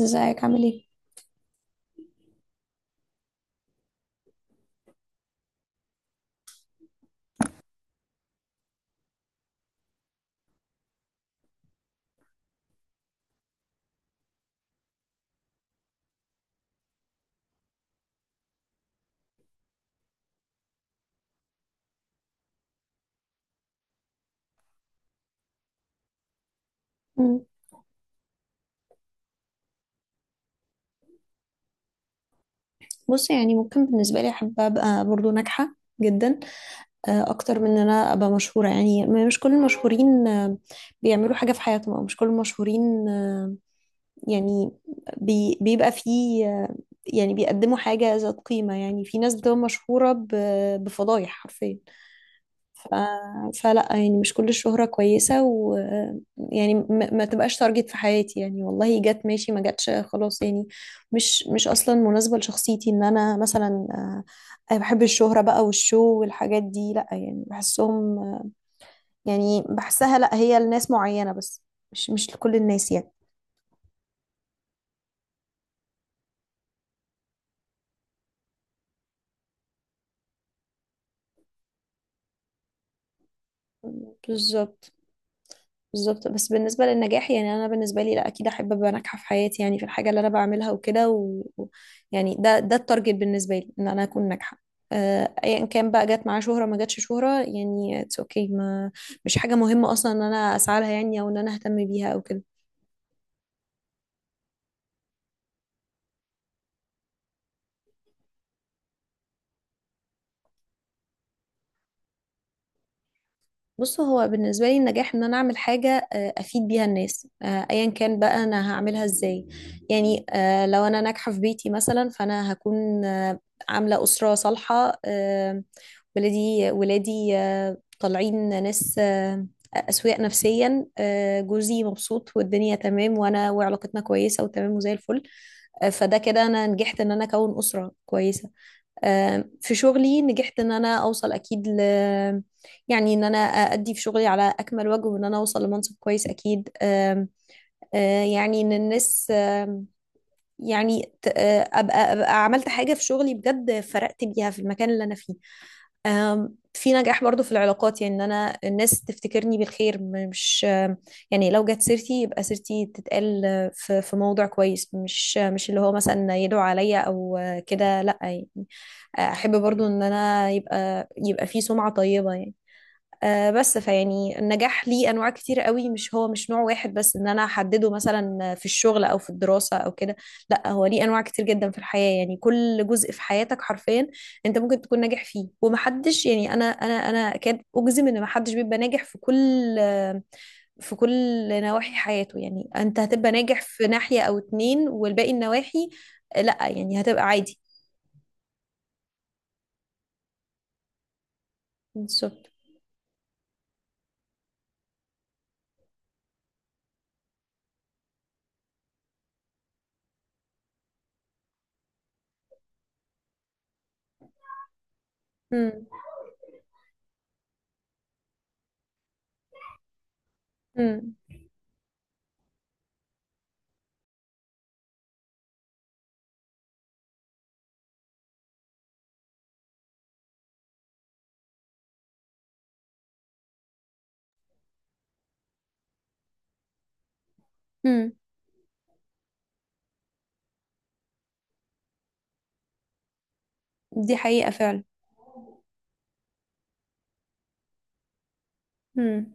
ازيك؟ عامل ايه؟ مم. بص، يعني ممكن بالنسبة لي أحب أبقى برضو ناجحة جدا اكتر من ان انا ابقى مشهوره. يعني مش كل المشهورين بيعملوا حاجه في حياتهم، او مش كل المشهورين يعني بيبقى فيه يعني بيقدموا حاجه ذات قيمه. يعني في ناس بتبقى مشهوره بفضايح حرفيا. ف فلا، يعني مش كل الشهره كويسه، ويعني ما تبقاش تارجت في حياتي، يعني والله جت ماشي، ما جاتش خلاص، يعني مش اصلا مناسبه لشخصيتي ان انا مثلا، أنا بحب الشهرة بقى والشو والحاجات دي، لأ. يعني بحسهم، يعني بحسها، لا، هي لناس معينة بس، مش لكل الناس يعني. بالظبط، بالظبط. بس بالنسبة للنجاح، يعني أنا بالنسبة لي، لا، أكيد أحب أبقى ناجحة في حياتي، يعني في الحاجة اللي أنا بعملها وكده، يعني ده التارجت بالنسبة لي، إن أنا أكون ناجحة. أيا كان بقى جت معاه شهرة ما جاتش شهرة، يعني اتس اوكي. ما مش حاجة مهمة أصلا إن أنا أسعى لها، يعني، أو إن أنا أهتم بيها أو كده. بص، هو بالنسبة لي النجاح ان انا اعمل حاجة افيد بيها الناس، ايا كان بقى انا هعملها ازاي. يعني لو انا ناجحة في بيتي مثلا فانا هكون عاملة أسرة صالحة، ولادي طالعين ناس، أسوياء نفسيا، جوزي مبسوط والدنيا تمام، وانا وعلاقتنا كويسة وتمام وزي الفل. فده كده انا نجحت ان انا اكون أسرة كويسة. في شغلي نجحت ان انا اوصل اكيد، ل... يعني ان انا ادي في شغلي على اكمل وجه، وان انا اوصل لمنصب كويس اكيد. آم، آه، يعني ان الناس، يعني ابقى عملت حاجة في شغلي بجد، فرقت بيها في المكان اللي انا فيه. في نجاح برضو في العلاقات، يعني ان انا الناس تفتكرني بالخير، مش، يعني لو جت سيرتي يبقى سيرتي تتقال في موضع كويس، مش مش اللي هو مثلا يدعو عليا او كده، لا يعني. احب برضو ان انا يبقى في سمعة طيبة يعني. بس فيعني النجاح ليه انواع كتير قوي، مش نوع واحد بس ان انا احدده مثلا في الشغل او في الدراسة او كده. لا، هو ليه انواع كتير جدا في الحياة. يعني كل جزء في حياتك حرفيا انت ممكن تكون ناجح فيه. ومحدش، يعني انا اكاد اجزم ان محدش بيبقى ناجح في كل، في كل نواحي حياته. يعني انت هتبقى ناجح في ناحية او اتنين، والباقي النواحي لا، يعني هتبقى عادي. بالظبط. امم. امم. امم. دي حقيقة فعلا. امم.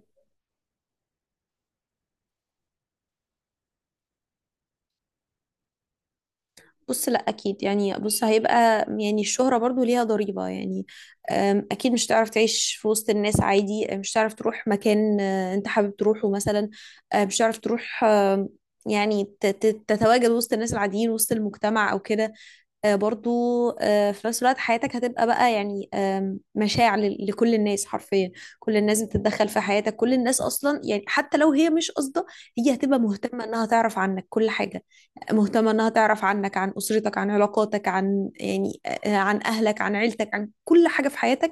بص، لا، اكيد. يعني بص، هيبقى يعني الشهرة برضو ليها ضريبة يعني. اكيد مش هتعرف تعيش في وسط الناس عادي، مش هتعرف تروح مكان انت حابب تروحه مثلا. مش هتعرف تروح، يعني تتواجد وسط الناس العاديين وسط المجتمع او كده. برضو في نفس الوقت حياتك هتبقى بقى، يعني مشاع لكل الناس حرفيا. كل الناس بتتدخل في حياتك، كل الناس اصلا. يعني حتى لو هي مش قصده، هي هتبقى مهتمه انها تعرف عنك كل حاجه، مهتمه انها تعرف عنك، عن اسرتك، عن علاقاتك، عن يعني عن اهلك، عن عيلتك، عن كل حاجه في حياتك.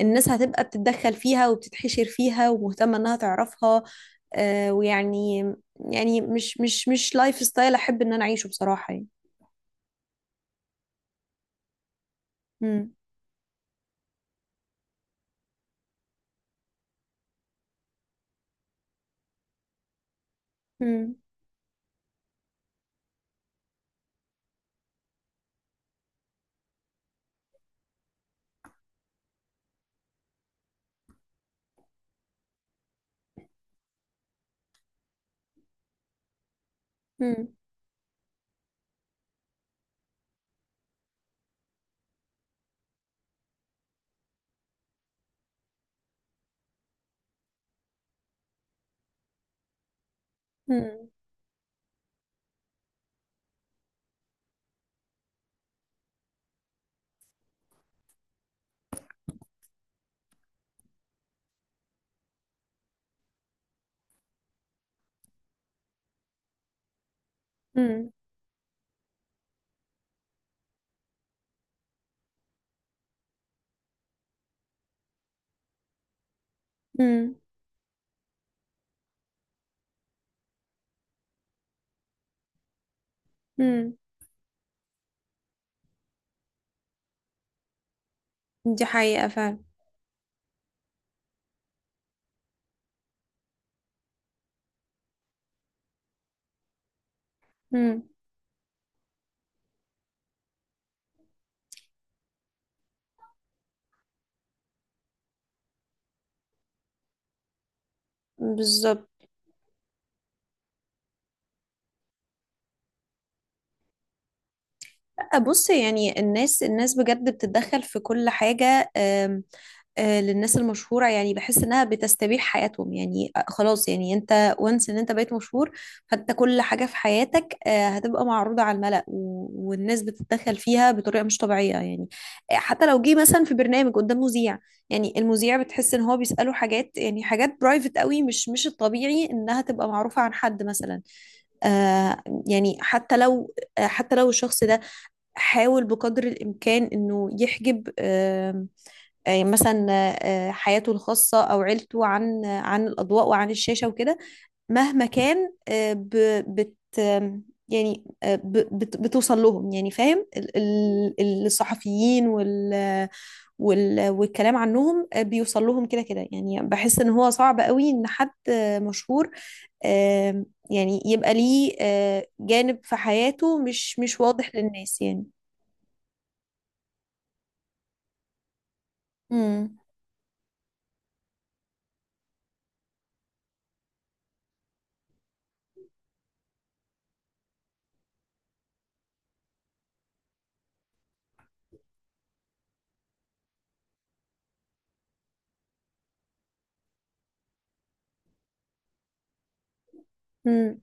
الناس هتبقى بتتدخل فيها وبتتحشر فيها ومهتمه انها تعرفها. آه، ويعني يعني مش لايف ستايل احب ان انا اعيشه بصراحه يعني. امم. مم. مم. مم. مم. مم. دي حقيقة فعلا. مم. بالظبط. بص، يعني الناس بجد بتتدخل في كل حاجة. آم، آه، للناس المشهورة، يعني بحس انها بتستبيح حياتهم يعني. خلاص، يعني انت وانس ان انت بقيت مشهور، فانت كل حاجة في حياتك هتبقى معروضة على الملأ، والناس بتتدخل فيها بطريقة مش طبيعية يعني. حتى لو جه مثلا في برنامج قدام مذيع، يعني المذيع بتحس ان هو بيسأله حاجات، يعني حاجات برايفت قوي، مش الطبيعي انها تبقى معروفة عن حد مثلا. آه يعني حتى لو الشخص ده حاول بقدر الامكان انه يحجب، مثلا، حياته الخاصة أو عيلته عن الأضواء وعن الشاشة وكده، مهما كان. ب- بت يعني بتوصل لهم يعني، فاهم؟ ال- الصحفيين والكلام عنهم بيوصل لهم كده كده، يعني بحس ان هو صعب قوي ان حد مشهور آه، يعني يبقى ليه جانب في حياته مش واضح للناس يعني. امم. امم.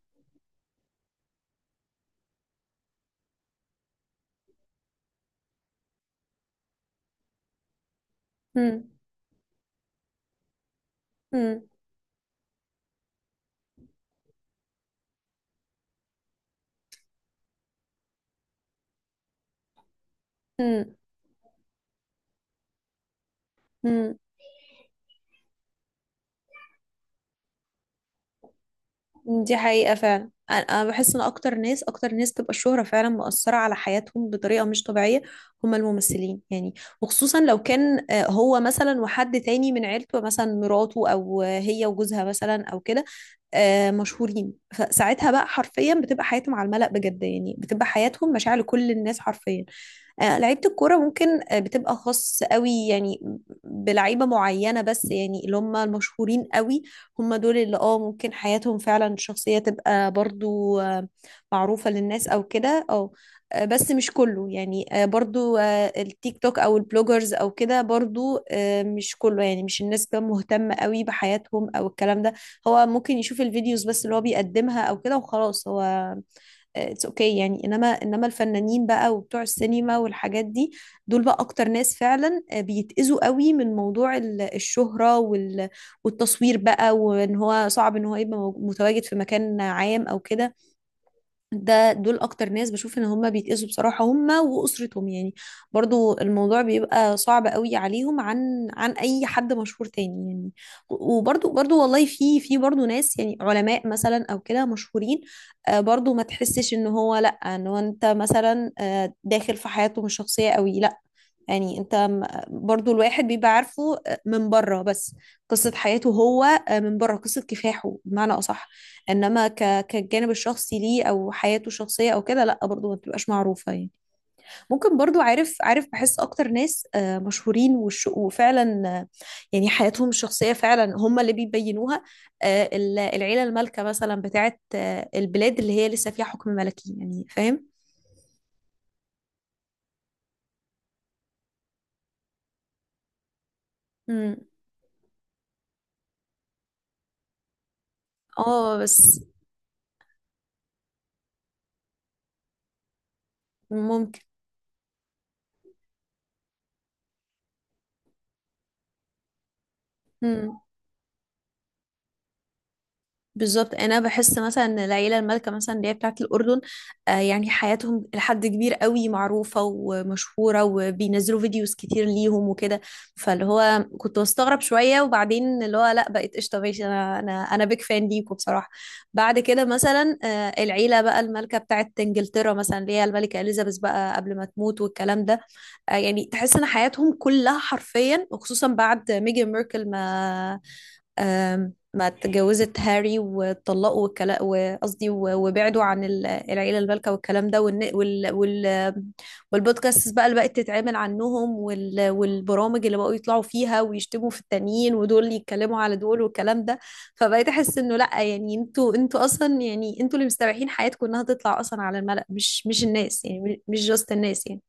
امم. امم. دي حقيقة فعلا. أنا بحس إن أكتر ناس، أكتر ناس تبقى الشهرة فعلا مؤثرة على حياتهم بطريقة مش طبيعية، هما الممثلين يعني. وخصوصا لو كان هو مثلا وحد تاني من عيلته، مثلا مراته، أو هي وجوزها مثلا أو كده، مشهورين، فساعتها بقى حرفيا بتبقى حياتهم على الملأ بجد، يعني بتبقى حياتهم مشاعر لكل الناس حرفيا. لعيبة الكورة ممكن بتبقى خاص قوي، يعني بلعيبة معينة بس، يعني اللي هم المشهورين قوي، هم دول اللي ممكن حياتهم فعلا الشخصية تبقى برضو معروفة للناس او كده، او بس مش كله يعني. برضو التيك توك او البلوجرز او كده، برضو مش كله يعني، مش الناس بقى مهتمة قوي بحياتهم او الكلام ده. هو ممكن يشوف الفيديوز بس اللي هو بيقدمها او كده وخلاص. هو اتس اوكي يعني. انما الفنانين بقى وبتوع السينما والحاجات دي، دول بقى اكتر ناس فعلا بيتأذوا قوي من موضوع الشهرة والتصوير بقى، وان هو صعب ان هو يبقى متواجد في مكان عام او كده. دول اكتر ناس بشوف ان هم بيتأذوا بصراحة، هم واسرتهم يعني. برضو الموضوع بيبقى صعب قوي عليهم، عن اي حد مشهور تاني يعني. برضو والله، في برضو ناس، يعني علماء مثلا او كده مشهورين، برضو ما تحسش ان هو، لا، ان هو انت مثلا داخل في حياتهم الشخصية قوي، لا. يعني انت برضو الواحد بيبقى عارفه من بره بس، قصة حياته هو من بره، قصة كفاحه بمعنى أصح. إنما كالجانب الشخصي ليه أو حياته الشخصية أو كده، لأ، برضو ما بتبقاش معروفة يعني. ممكن برضو عارف، بحس أكتر ناس مشهورين، وفعلا يعني حياتهم الشخصية فعلا هم اللي بيبينوها. العيلة المالكة مثلا بتاعت البلاد اللي هي لسه فيها حكم ملكي، يعني فاهم؟ مم. اه، بس ممكن. مم. بالظبط. انا بحس مثلا ان العيله المالكه مثلا اللي هي بتاعه الاردن، يعني حياتهم لحد كبير قوي معروفه ومشهوره، وبينزلوا فيديوز كتير ليهم وكده. فاللي هو كنت بستغرب شويه، وبعدين اللي هو لا، بقيت قشطه ماشي، انا بيك فان ليكوا بصراحه. بعد كده مثلا العيله بقى المالكه بتاعه انجلترا مثلا، اللي هي الملكه اليزابيث بقى قبل ما تموت والكلام ده، يعني تحس ان حياتهم كلها حرفيا، وخصوصا بعد ميجان ميركل ما اتجوزت هاري واتطلقوا والكلام، وقصدي وبعدوا عن العيلة البالكة والكلام ده، والبودكاست بقى اللي بقت تتعمل عنهم، والبرامج اللي بقوا يطلعوا فيها ويشتموا في التانيين ودول يتكلموا على دول والكلام ده. فبقيت احس انه لا، يعني انتوا اصلا، يعني انتوا اللي مستبيحين حياتكم انها تطلع اصلا على الملأ، مش الناس يعني، مش جاست الناس يعني.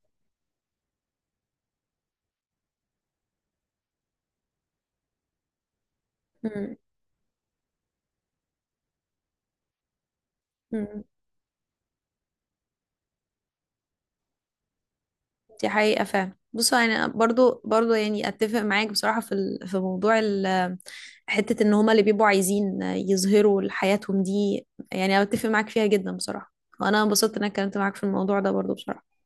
مم. مم. دي حقيقة فعلا. بصوا، يعني برضو، يعني اتفق معاك بصراحة في موضوع حتة ان هما اللي بيبقوا عايزين يظهروا لحياتهم دي، يعني اتفق معاك فيها جدا بصراحة. وانا انبسطت ان انا اتكلمت معاك في الموضوع ده برضو بصراحة.